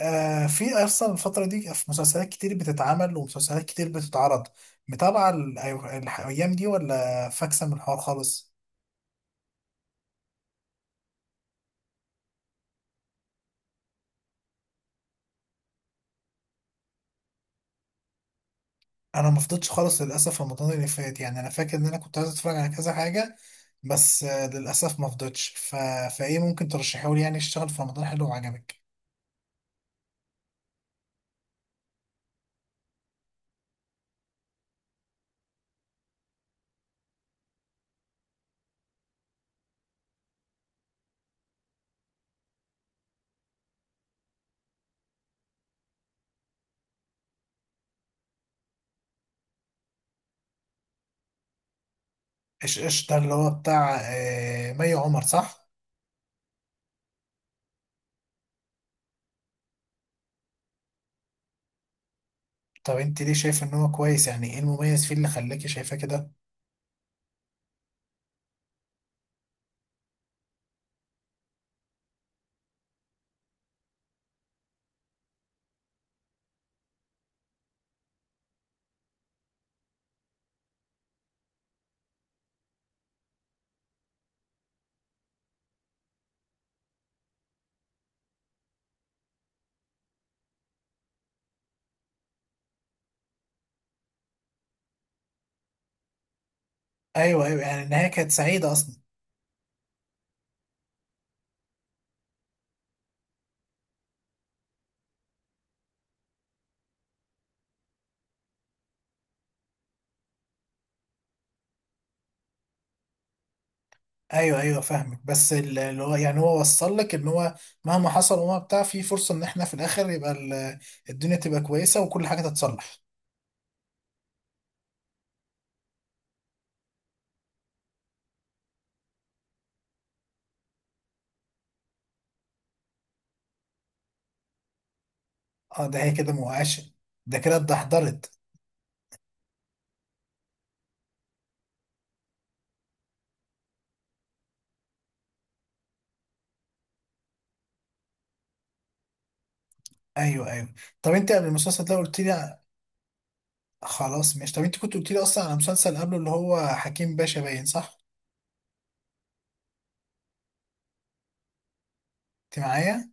في اصلا الفتره دي في مسلسلات كتير بتتعمل ومسلسلات كتير بتتعرض. متابعه الايام دي ولا فاكسه من الحوار خالص؟ انا ما فضيتش خالص للاسف رمضان اللي فات، يعني انا فاكر ان انا كنت عايز اتفرج على كذا حاجه، بس للاسف ما فضيتش. فايه ممكن ترشحه لي يعني اشتغل في رمضان حلو وعجبك؟ ايش ايش ده اللي هو بتاع مي عمر صح؟ طب انت ليه شايف ان هو كويس؟ يعني ايه المميز فيه اللي خلاكي شايفاه كده؟ ايوه ايوه، يعني النهايه كانت سعيده اصلا. ايوه ايوه فاهمك، بس اللي هو يعني هو وصل لك ان هو مهما حصل وما بتاع في فرصه ان احنا في الاخر يبقى الدنيا تبقى كويسه وكل حاجه تتصلح. اه ده هي كده موقعش. ده كده اتدحضرت. ايوه ايوه. طب انت قبل المسلسل ده قلت لي. خلاص ماشي، طب انت كنت قلت لي اصلا على مسلسل قبله اللي هو حكيم باشا، باين صح؟ انت معايا؟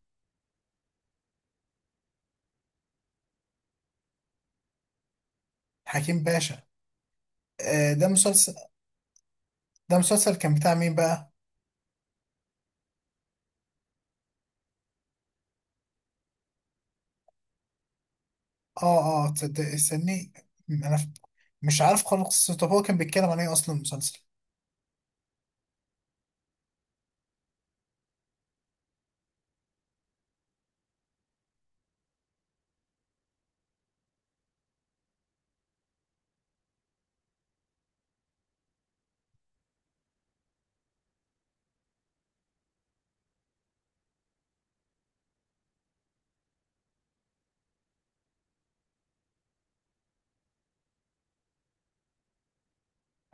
حكيم باشا. آه ده مسلسل. ده مسلسل كان بتاع مين بقى؟ اه اه تصدق استني، انا مش عارف خالص. طب هو كان بيتكلم عن ايه اصلا المسلسل؟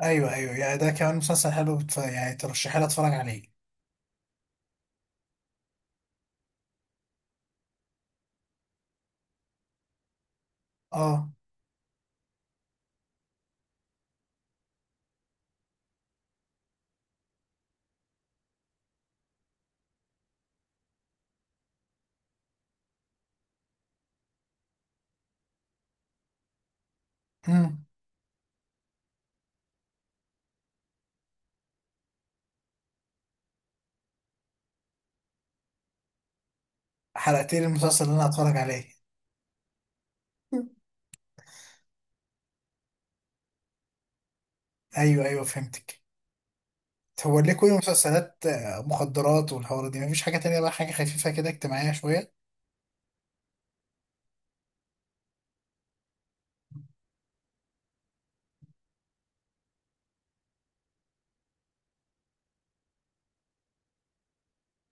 ايوه ايوه، يعني ده كمان مسلسل حلو، يعني ترشحي لي اتفرج عليه. اه امم حلقتين المسلسل اللي انا هتفرج عليه. ايوه ايوه فهمتك. هو ليه كل مسلسلات مخدرات والحوارات دي؟ مفيش حاجه تانية بقى، حاجه خفيفه كده اجتماعيه شويه؟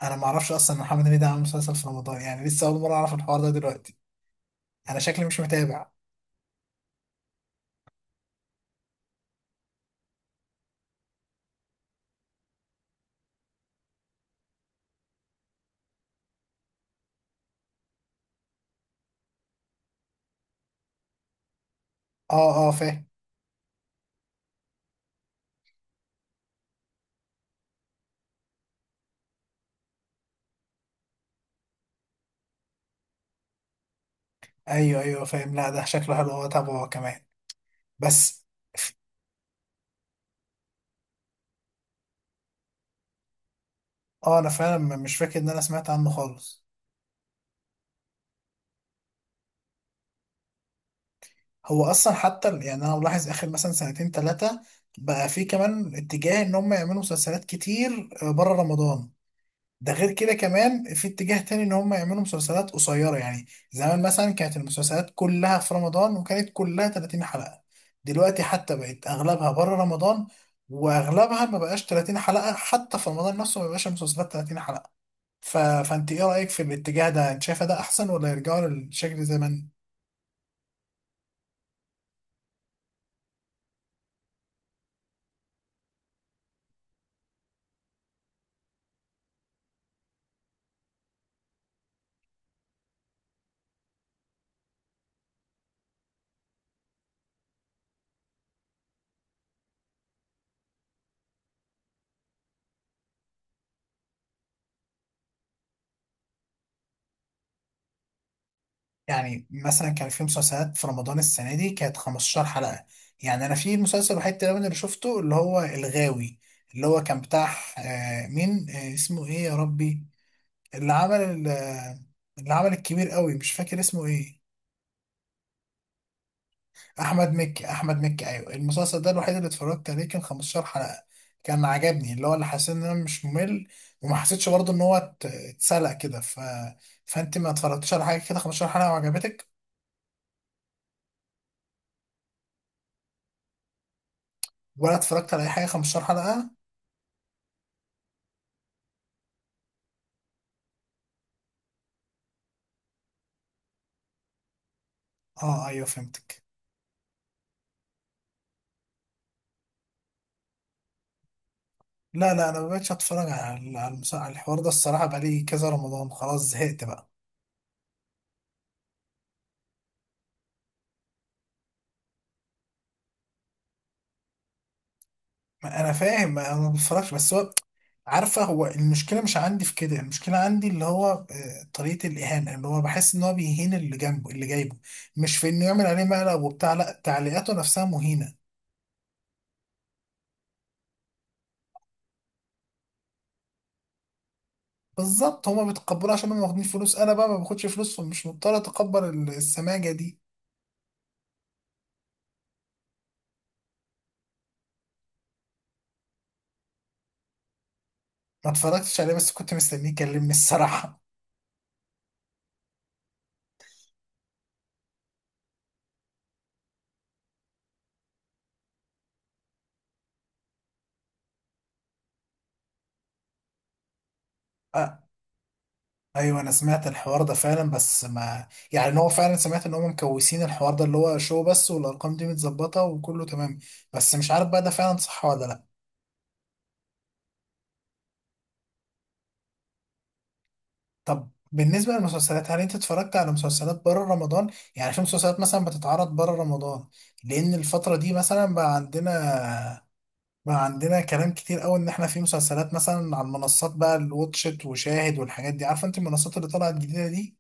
انا ما اعرفش اصلا إن محمد هنيدي عامل مسلسل في رمضان، يعني لسه اول مره اعرف الحوار ده دلوقتي. انا شكلي مش متابع. اه اه فاهم. ايوه ايوه فاهم، لا ده شكله حلو، هو تابعه هو كمان بس. اه انا فعلا مش فاكر ان انا سمعت عنه خالص. هو اصلا حتى يعني انا ملاحظ اخر مثلا سنتين ثلاثه بقى في كمان اتجاه ان هم يعملوا مسلسلات كتير بره رمضان. ده غير كده كمان في اتجاه تاني ان هم يعملوا مسلسلات قصيره، يعني زمان مثلا كانت المسلسلات كلها في رمضان وكانت كلها 30 حلقه. دلوقتي حتى بقت اغلبها بره رمضان، واغلبها ما بقاش 30 حلقه، حتى في رمضان نفسه ما بقاش المسلسلات 30 حلقه. فانت ايه رايك في الاتجاه ده، انت شايفه ده احسن ولا يرجعوا للشكل زمان؟ يعني مثلا كان في مسلسلات في رمضان السنة دي كانت 15 حلقة. يعني أنا في مسلسل وحيد تقريبا اللي شفته اللي هو الغاوي، اللي هو كان بتاع آه، مين آه، اسمه إيه يا ربي، اللي عمل اللي عمل الكبير قوي، مش فاكر اسمه إيه. أحمد مكي، أحمد مكي، أيوه. المسلسل ده الوحيد اللي اتفرجت عليه، كان 15 حلقة. كان عجبني، اللي هو اللي حسيت إن أنا مش ممل وما حسيتش برضه إن هو اتسلق كده. فأنت ما اتفرجتش على حاجة كده 15 حلقة وعجبتك؟ ولا اتفرجت على أي حاجة 15 حلقة؟ اه ايوه فهمتك. لا لا، انا مبقتش اتفرج على على الحوار ده الصراحه، بقالي كذا رمضان خلاص زهقت بقى. ما انا فاهم، ما انا ما بتفرجش بس هو، عارفه هو المشكله مش عندي في كده، المشكله عندي اللي هو طريقه الاهانه، اللي هو بحس ان هو بيهين اللي جنبه اللي جايبه، مش في انه يعمل عليه مقلب وبتاع، لا تعليقاته نفسها مهينه. بالظبط، هما بيتقبلوها عشان هما واخدين فلوس، انا بقى ما باخدش فلوس فمش مضطر اتقبل السماجه دي. ما اتفرجتش عليه، بس كنت مستنيه يكلمني الصراحه. ايوه انا سمعت الحوار ده فعلا، بس ما يعني إن هو فعلا، سمعت ان هم مكوسين الحوار ده اللي هو شو، بس والارقام دي متظبطه وكله تمام، بس مش عارف بقى ده فعلا صح ولا لا. طب بالنسبه للمسلسلات، هل انت اتفرجت على مسلسلات بره رمضان؟ يعني في مسلسلات مثلا بتتعرض بره رمضان، لان الفتره دي مثلا بقى عندنا كلام كتير قوي ان احنا في مسلسلات مثلا على المنصات بقى، الواتشت وشاهد والحاجات دي، عارفه انت المنصات اللي طلعت جديده دي.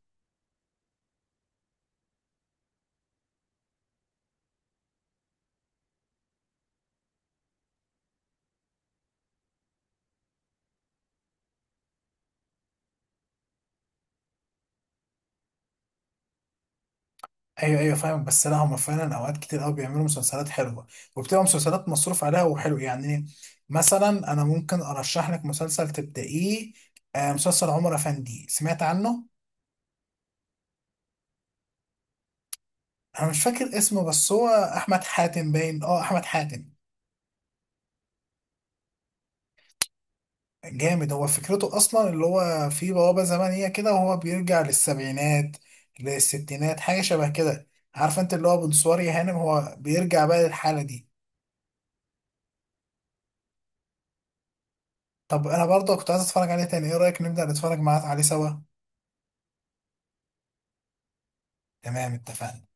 ايوه ايوه فاهمك، بس لا هما فعلا اوقات كتير قوي بيعملوا مسلسلات حلوه، وبتبقى مسلسلات مصروف عليها وحلو يعني. مثلا انا ممكن ارشح لك مسلسل تبدأيه، مسلسل عمر افندي، سمعت عنه؟ انا مش فاكر اسمه، بس هو احمد حاتم، باين اه احمد حاتم. جامد، هو فكرته اصلا اللي هو في بوابه زمنيه كده، وهو بيرجع للسبعينات، للستينات، حاجه شبه كده. عارف انت اللي هو بنصوري هانم، هو بيرجع بقى للحاله دي. طب انا برضه كنت عايز اتفرج عليه تاني، ايه رايك نبدأ نتفرج معاه عليه سوا؟ تمام اتفقنا.